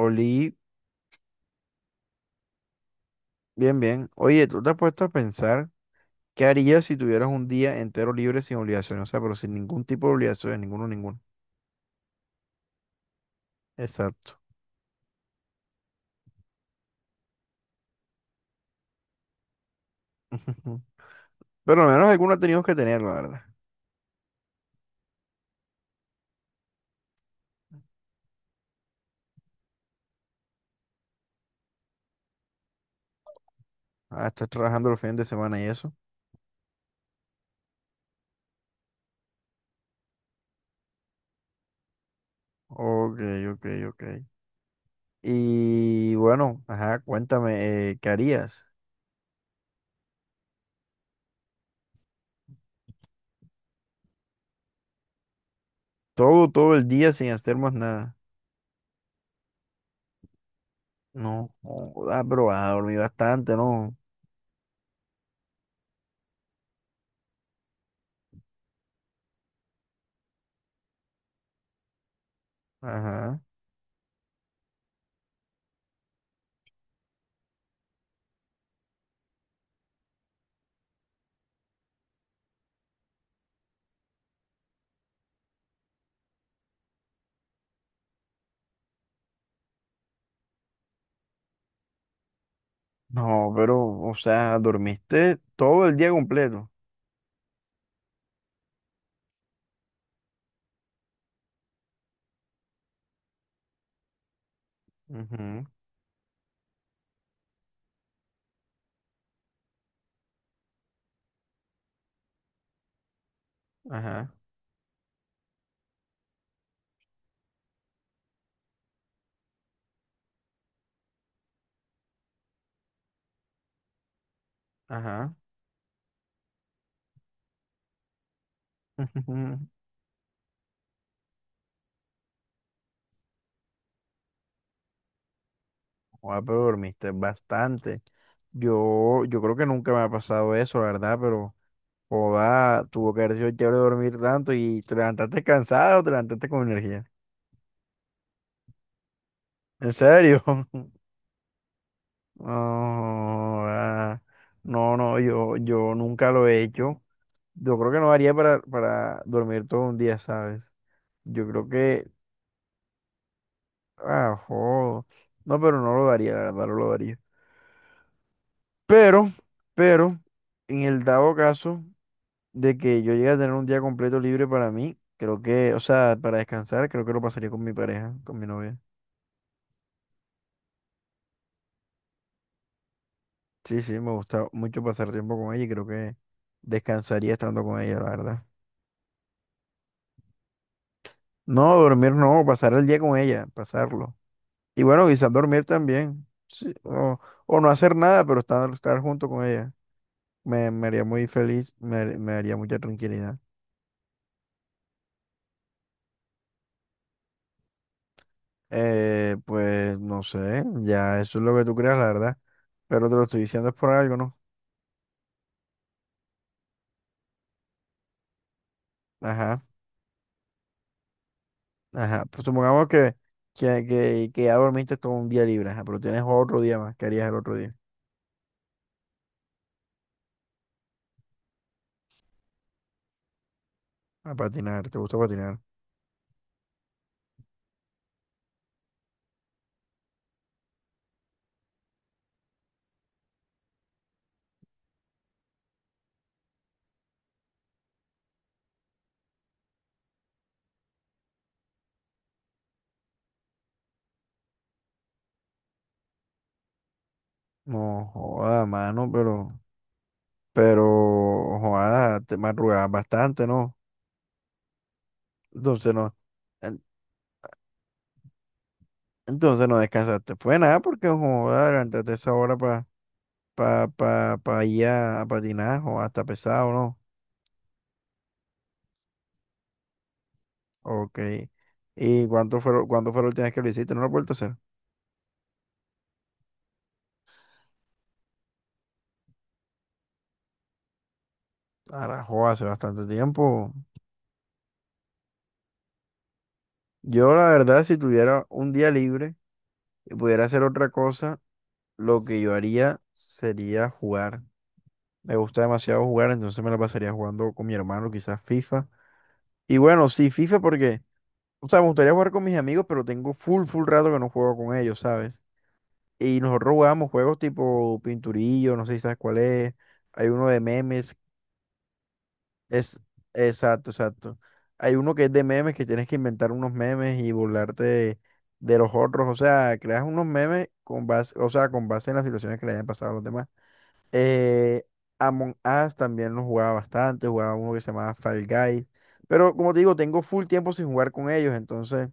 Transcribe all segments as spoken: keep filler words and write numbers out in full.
Oli, bien, bien. Oye, ¿tú te has puesto a pensar qué harías si tuvieras un día entero libre sin obligaciones? O sea, pero sin ningún tipo de obligaciones, ninguno, ninguno. Exacto. Pero al menos alguna teníamos que tener, la verdad. Ah, estás trabajando los fines de semana y eso. Ok, ok, ok. Y bueno, ajá, cuéntame, eh, ¿qué harías? Todo, todo el día sin hacer más nada. No, joda, pero vas a dormir bastante, ¿no? Ajá. No, pero, o sea, dormiste todo el día completo. Ujú, ajá, ajá. Joder, pero dormiste bastante. Yo, yo creo que nunca me ha pasado eso, la verdad, pero joda, tuvo que haber sido chévere dormir tanto y te levantaste cansado o te levantaste con energía. ¿En serio? No, joda. No, no, yo, yo nunca lo he hecho. Yo creo que no haría para, para dormir todo un día, ¿sabes? Yo creo que, ah, joder. No, pero no lo daría, la verdad, no lo daría. Pero, pero, en el dado caso de que yo llegue a tener un día completo libre para mí, creo que, o sea, para descansar, creo que lo pasaría con mi pareja, con mi novia. Sí, sí, me gusta mucho pasar tiempo con ella y creo que descansaría estando con ella, la verdad. No, dormir no, pasar el día con ella, pasarlo. Y bueno, quizás dormir también, sí, o, o no hacer nada, pero estar, estar junto con ella. Me, me haría muy feliz, me, me haría mucha tranquilidad. Eh, pues no sé, ya eso es lo que tú creas, la verdad. Pero te lo estoy diciendo es por algo, ¿no? Ajá, ajá. Pues supongamos que, que, que, que ya dormiste todo un día libre, ajá, pero tienes otro día más. ¿Qué harías el otro día? A patinar, ¿te gusta patinar? No, joda, mano, pero, pero, joda, te madrugabas bastante, ¿no? Entonces no, en- entonces no descansaste. Fue nada porque, joda, levantaste esa hora para pa, pa, pa pa ir a, a patinar, o hasta pesado, ¿no? Ok. ¿Y cuánto fue, cuándo fue la última vez que lo hiciste? ¿No lo has vuelto a hacer? Carajo, hace bastante tiempo. Yo, la verdad, si tuviera un día libre y pudiera hacer otra cosa, lo que yo haría sería jugar. Me gusta demasiado jugar, entonces me la pasaría jugando con mi hermano, quizás FIFA. Y bueno, sí, FIFA porque, o sea, me gustaría jugar con mis amigos, pero tengo full, full rato que no juego con ellos, ¿sabes? Y nosotros jugábamos juegos tipo Pinturillo, no sé si sabes cuál es. Hay uno de memes. Es, exacto, exacto. Hay uno que es de memes, que tienes que inventar unos memes y burlarte de, de los otros. O sea, creas unos memes con base, o sea, con base en las situaciones que le hayan pasado a los demás. Eh, Among Us también lo jugaba bastante, jugaba uno que se llamaba Fall Guys. Pero como te digo, tengo full tiempo sin jugar con ellos, entonces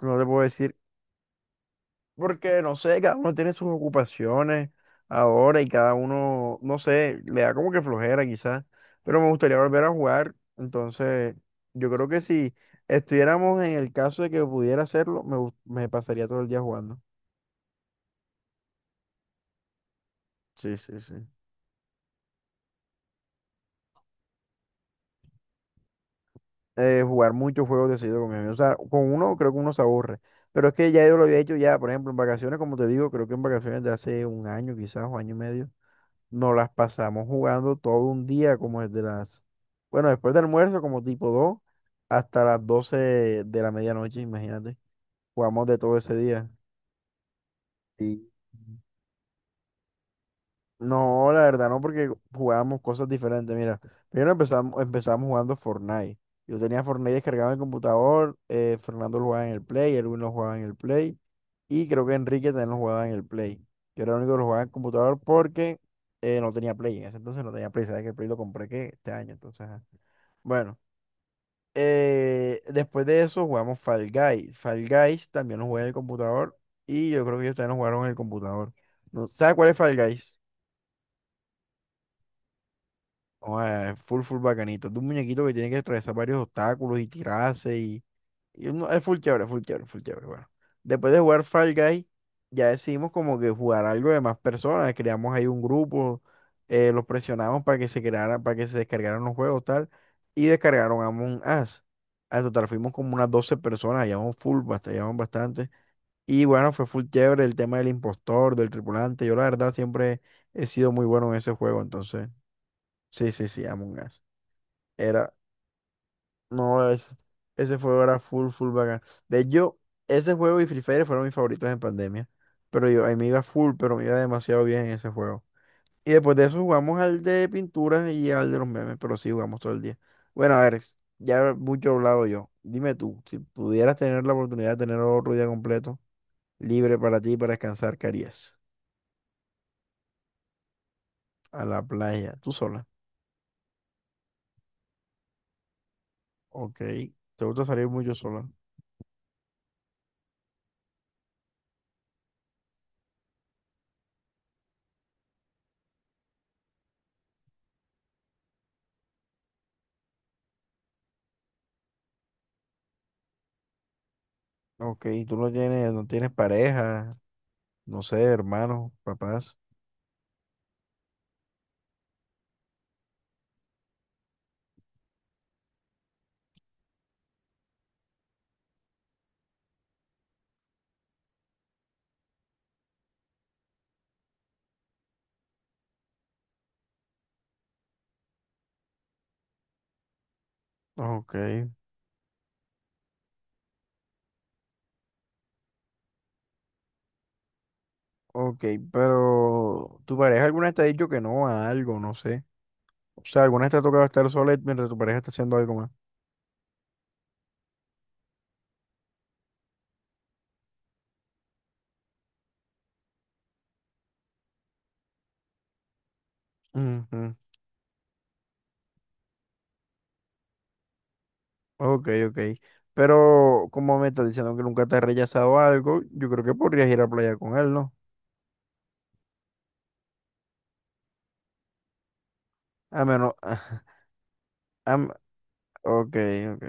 no te puedo decir porque, no sé, cada uno tiene sus ocupaciones ahora y cada uno, no sé, le da como que flojera quizás, pero me gustaría volver a jugar. Entonces, yo creo que si estuviéramos en el caso de que pudiera hacerlo, me, gust- me pasaría todo el día jugando. Sí, sí, sí, eh, jugar muchos juegos de seguido con mis amigos. O sea, con uno creo que uno se aburre. Pero es que ya yo lo había hecho ya, por ejemplo, en vacaciones, como te digo, creo que en vacaciones de hace un año quizás o año y medio. Nos las pasamos jugando todo un día, como desde las, bueno, después del almuerzo, como tipo dos hasta las doce de la medianoche, imagínate. Jugamos de todo ese día. Y no, la verdad, no, porque jugábamos cosas diferentes. Mira, primero empezamos, empezamos jugando Fortnite. Yo tenía Fortnite descargado en el computador, eh, Fernando lo jugaba en el Play, Erwin lo jugaba en el Play. Y creo que Enrique también lo jugaba en el Play. Yo era el único que lo jugaba en el computador porque eh, no tenía Play. En ese entonces no tenía Play. Sabes que el Play lo compré que este año. Entonces, ajá. Bueno, eh, después de eso jugamos Fall Guys. Fall Guys también lo jugué en el computador. Y yo creo que ellos también lo jugaron en el computador. No, ¿sabes cuál es Fall Guys? Oh, eh, full, full bacanito. Es de un muñequito que tiene que atravesar varios obstáculos y tirarse. Y uno- es full chévere, full chévere, full chévere. Bueno, después de jugar Fall Guy, ya decidimos como que jugar algo de más personas. Creamos ahí un grupo, eh, los presionamos para que se creara para que se descargaran los juegos, tal. Y descargaron Among Us. Al total fuimos como unas doce personas, llevamos full, bast- llevamos bastante. Y bueno, fue full chévere el tema del impostor, del tripulante. Yo la verdad siempre he sido muy bueno en ese juego, entonces, sí, sí, sí, Among Us. Era, no, es, ese juego era full, full bacán. De hecho, ese juego y Free Fire fueron mis favoritos en pandemia. Pero yo, ahí me iba full, pero me iba demasiado bien en ese juego. Y después de eso jugamos al de pinturas y al de los memes, pero sí jugamos todo el día. Bueno, a ver, s- ya mucho he hablado yo. Dime tú, si pudieras tener la oportunidad de tener otro día completo, libre para ti, para descansar, ¿qué harías? A la playa, tú sola. Ok, ¿te gusta salir mucho sola? Ok, tú no tienes, no tienes pareja, no sé, hermanos, papás. Ok, ok, pero tu pareja alguna vez te ha dicho que no a algo, no sé. O sea, alguna vez te ha tocado estar sola mientras tu pareja está haciendo algo más. Ujú, ok, ok. Pero como me estás diciendo que nunca te ha rechazado algo, yo creo que podrías ir a playa con él, ¿no? A menos, a m- ok, ok,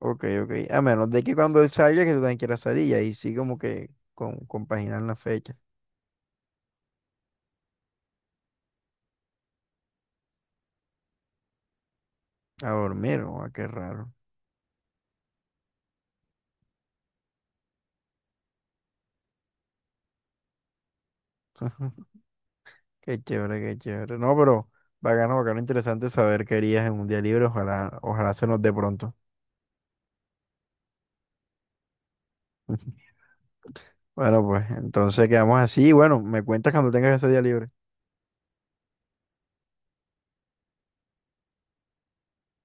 ok, ok. A menos de que cuando él salga, que tú también quieras salir y ahí sí como que con, compaginar la fecha. A dormir, o a qué raro. Qué chévere, qué chévere. No, pero bacano, bacano, interesante saber qué harías en un día libre. Ojalá, ojalá se nos dé pronto. Bueno, pues entonces quedamos así. Bueno, me cuentas cuando tengas ese día libre.